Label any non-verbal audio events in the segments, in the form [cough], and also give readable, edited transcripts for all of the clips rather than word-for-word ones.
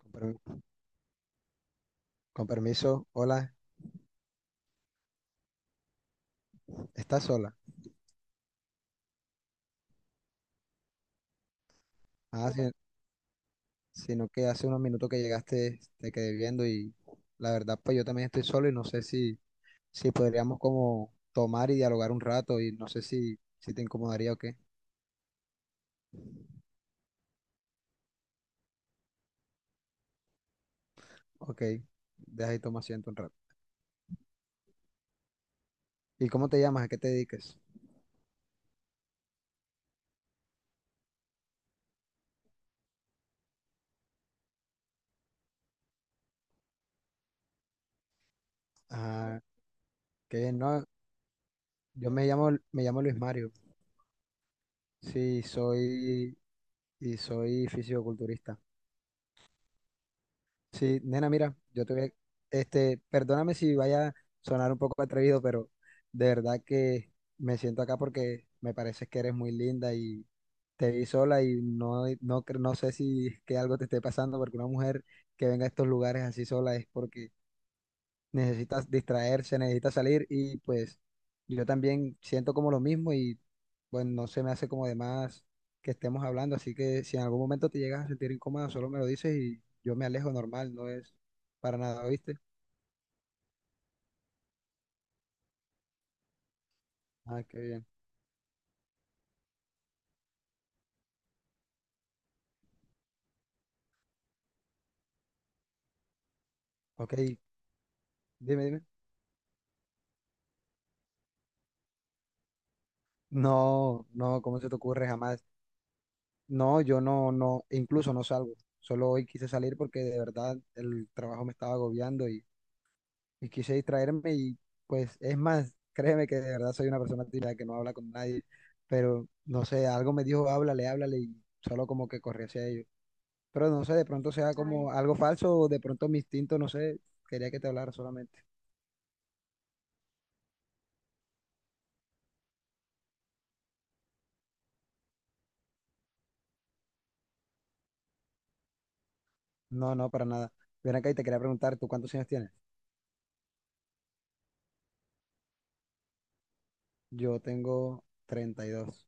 Con permi- con permiso, hola, ¿estás sola? Ah, sino que hace unos minutos que llegaste te quedé viendo y la verdad pues yo también estoy solo y no sé si podríamos como tomar y dialogar un rato y no sé si te incomodaría o qué. Ok, deja y toma asiento un rato. ¿Y cómo te llamas? ¿A qué te dedicas? Ah, qué bien, no, me llamo Luis Mario, sí, soy, y soy fisioculturista. Sí, nena, mira, yo te voy a- este, perdóname si vaya a sonar un poco atrevido, pero de verdad que me siento acá porque me parece que eres muy linda y te vi sola y no sé si es que algo te esté pasando porque una mujer que venga a estos lugares así sola es porque necesita distraerse, necesita salir y pues yo también siento como lo mismo y bueno, no se me hace como de más que estemos hablando, así que si en algún momento te llegas a sentir incómoda, solo me lo dices y yo me alejo normal, no es para nada, ¿oíste? Ah, qué bien. Ok, dime, dime. No, ¿cómo se te ocurre jamás? No, yo no, no, incluso no salgo. Solo hoy quise salir porque de verdad el trabajo me estaba agobiando y quise distraerme y pues es más, [laughs] créeme que de verdad soy una persona tímida que no habla con nadie, pero no sé, algo me dijo, háblale, háblale y solo como que corrí hacia ellos. Pero no sé, de pronto sea Ay, como Ay, algo falso o de pronto mi instinto, no sé, quería que te hablara solamente. No, no, para nada. Ven acá y te quería preguntar, ¿tú cuántos años tienes? Yo tengo 32.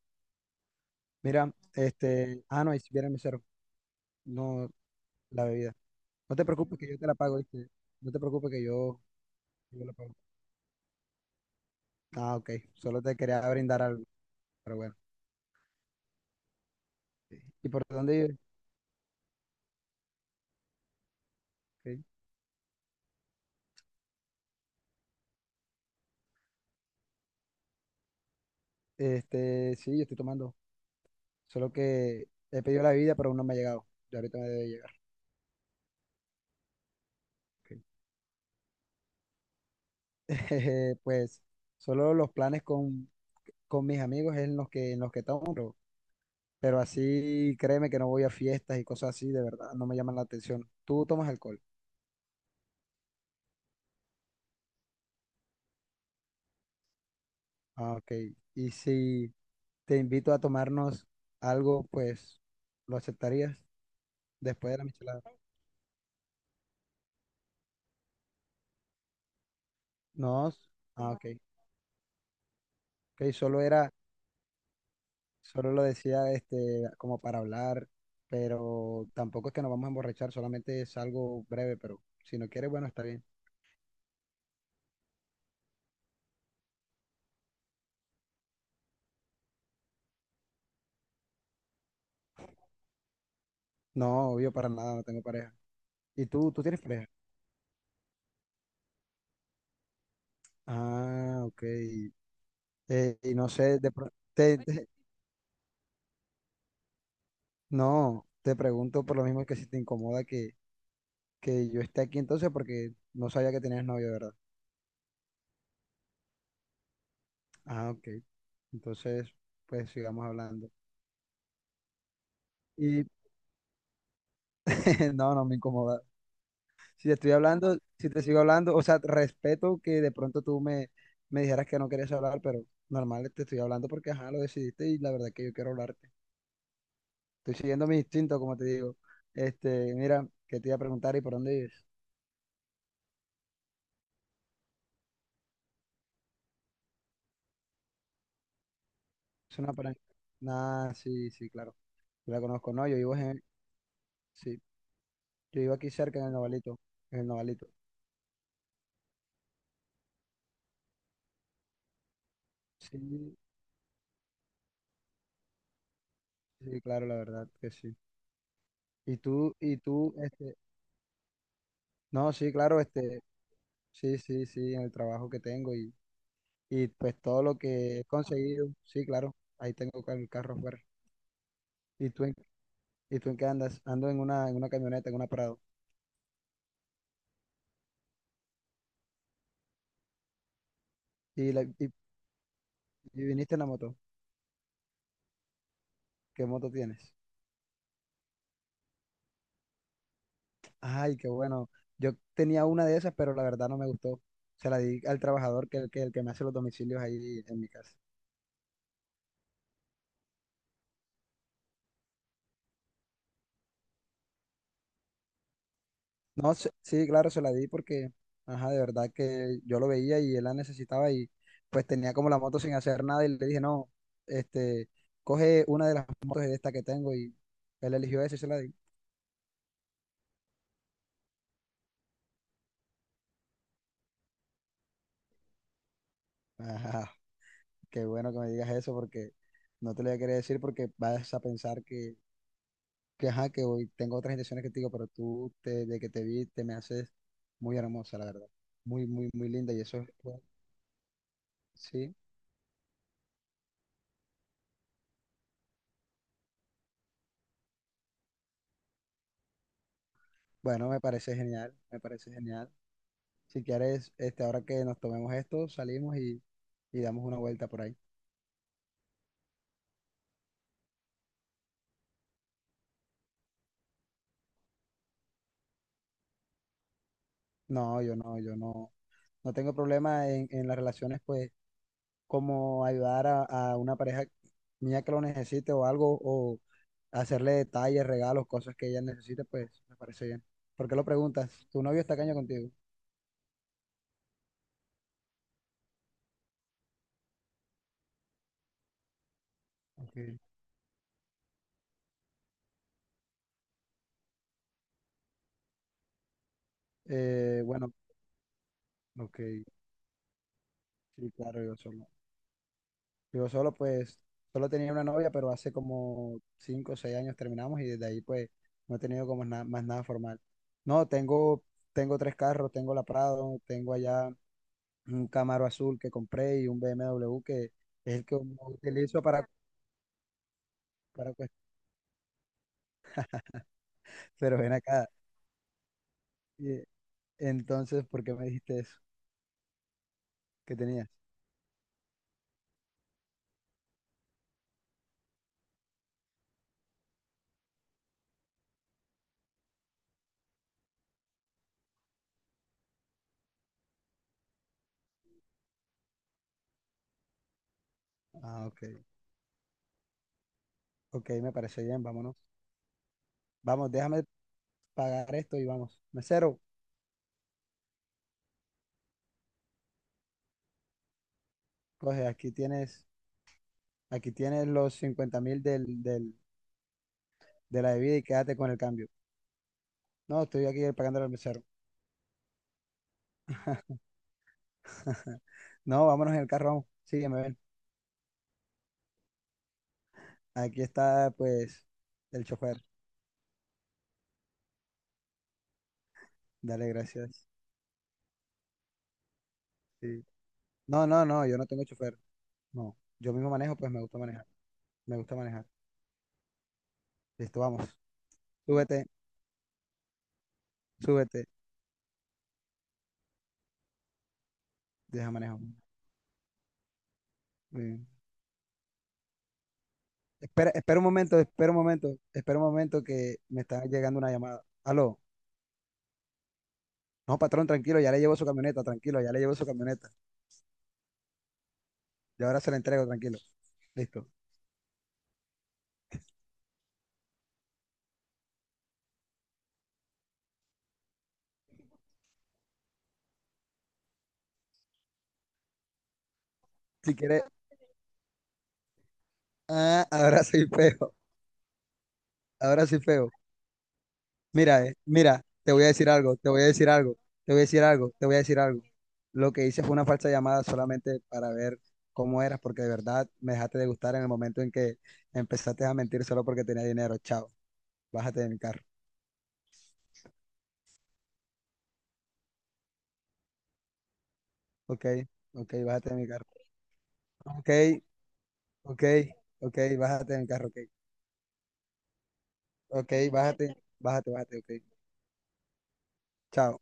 Mira, este, ah, no, ahí sí viene mi mesero, no la bebida. No te preocupes que yo te la pago, ¿viste? No te preocupes yo la pago. Ah, ok, solo te quería brindar algo, pero bueno. ¿Y por dónde vive? Ok. Este, sí, yo estoy tomando. Solo que he pedido la bebida, pero aún no me ha llegado. Ya ahorita me debe llegar. Ok. [laughs] Pues solo los planes con mis amigos es en en los que tomo, pero así créeme que no voy a fiestas y cosas así, de verdad, no me llaman la atención. ¿Tú tomas alcohol? Ah, ok. Y si te invito a tomarnos algo, pues, ¿lo aceptarías después de la michelada? No. Ah, ok. Ok, solo era, solo lo decía este, como para hablar, pero tampoco es que nos vamos a emborrachar, solamente es algo breve, pero si no quieres, bueno, está bien. No, obvio, para nada, no tengo pareja. ¿Y tú tienes pareja? Ah, ok. Y no sé, de pro- te- te- no, te pregunto por lo mismo que si te incomoda que yo esté aquí entonces, porque no sabía que tenías novio, ¿verdad? Ah, ok. Entonces, pues sigamos hablando. Y [laughs] no, no me incomoda. Si te estoy hablando, si te sigo hablando, o sea, respeto que de pronto me dijeras que no querías hablar, pero normal, te estoy hablando porque, ajá, lo decidiste y la verdad es que yo quiero hablarte. Estoy siguiendo mi instinto, como te digo. Este, mira, que te iba a preguntar y por dónde vives. Es una paran- Nah, sí, sí, claro. Yo la conozco, no, sí, yo vivo aquí cerca en el Novalito, en el Novalito. Sí, sí, claro, la verdad que sí. Y tú, y tú, este, no, sí, claro, este, sí, en el trabajo que tengo y pues todo lo que he conseguido, sí, claro, ahí tengo el carro afuera. ¿Y tú en, ¿y tú en qué andas? Ando en una camioneta, en una Prado. Y y viniste en la moto. ¿Qué moto tienes? Ay, qué bueno. Yo tenía una de esas, pero la verdad no me gustó. Se la di al trabajador que el que me hace los domicilios ahí en mi casa. No, sí, claro, se la di porque, ajá, de verdad que yo lo veía y él la necesitaba y pues tenía como la moto sin hacer nada y le dije, no, este, coge una de las motos de esta que tengo y él eligió esa y se la di. Ajá, qué bueno que me digas eso porque no te lo voy a querer decir porque vas a pensar que ajá, que hoy tengo otras intenciones que te digo, pero de que te vi, te me haces muy hermosa, la verdad. Muy, muy, muy linda y eso es, pues, sí, bueno, me parece genial, me parece genial. Si quieres, este, ahora que nos tomemos esto, y damos una vuelta por ahí. No, yo no, no tengo problema en las relaciones, pues, como ayudar a una pareja mía que lo necesite o algo, o hacerle detalles, regalos, cosas que ella necesite, pues, me parece bien. ¿Por qué lo preguntas? ¿Tu novio está caño contigo? Ok. Bueno, ok, sí, claro, yo solo. Yo solo, pues, solo tenía una novia, pero hace como 5 o 6 años terminamos y desde ahí, pues, no he tenido como más nada formal. No, tengo tres carros, tengo la Prado, tengo allá un Camaro azul que compré y un BMW que es el que uno utilizo para, para cuest- [laughs] pero ven acá. Y, entonces, ¿por qué me dijiste eso? ¿Qué tenías? Ah, ok. Ok, me parece bien, vámonos. Vamos, déjame pagar esto y vamos. Mesero, coge, aquí tienes los 50000 del de la bebida y quédate con el cambio. No, estoy aquí pagando al mesero. No, vámonos en el carro, vamos. Sí, me ven. Aquí está, pues, el chofer. Dale, gracias. Sí. No, no, no, yo no tengo chofer. No, yo mismo manejo, pues me gusta manejar. Me gusta manejar. Listo, vamos. Súbete, súbete. Deja manejo. Mm. Espera espera un momento, espera un momento, espera un momento que me está llegando una llamada. Aló. No, patrón, tranquilo, ya le llevo su camioneta, tranquilo, ya le llevo su camioneta. Y ahora se la entrego, tranquilo. Listo. Si quiere, ah, ahora soy feo. [laughs] Ahora sí feo. Mira, mira, te voy a decir algo, te voy a decir algo, te voy a decir algo, te voy a decir algo. Lo que hice fue una falsa llamada solamente para ver cómo eras, porque de verdad me dejaste de gustar en el momento en que empezaste a mentir solo porque tenía dinero. Chao, bájate de mi carro. Ok, ok, bájate de mi carro. Ok, ok, ok, bájate de mi carro. Ok, ok, bájate, bájate, bájate, ok. Chao.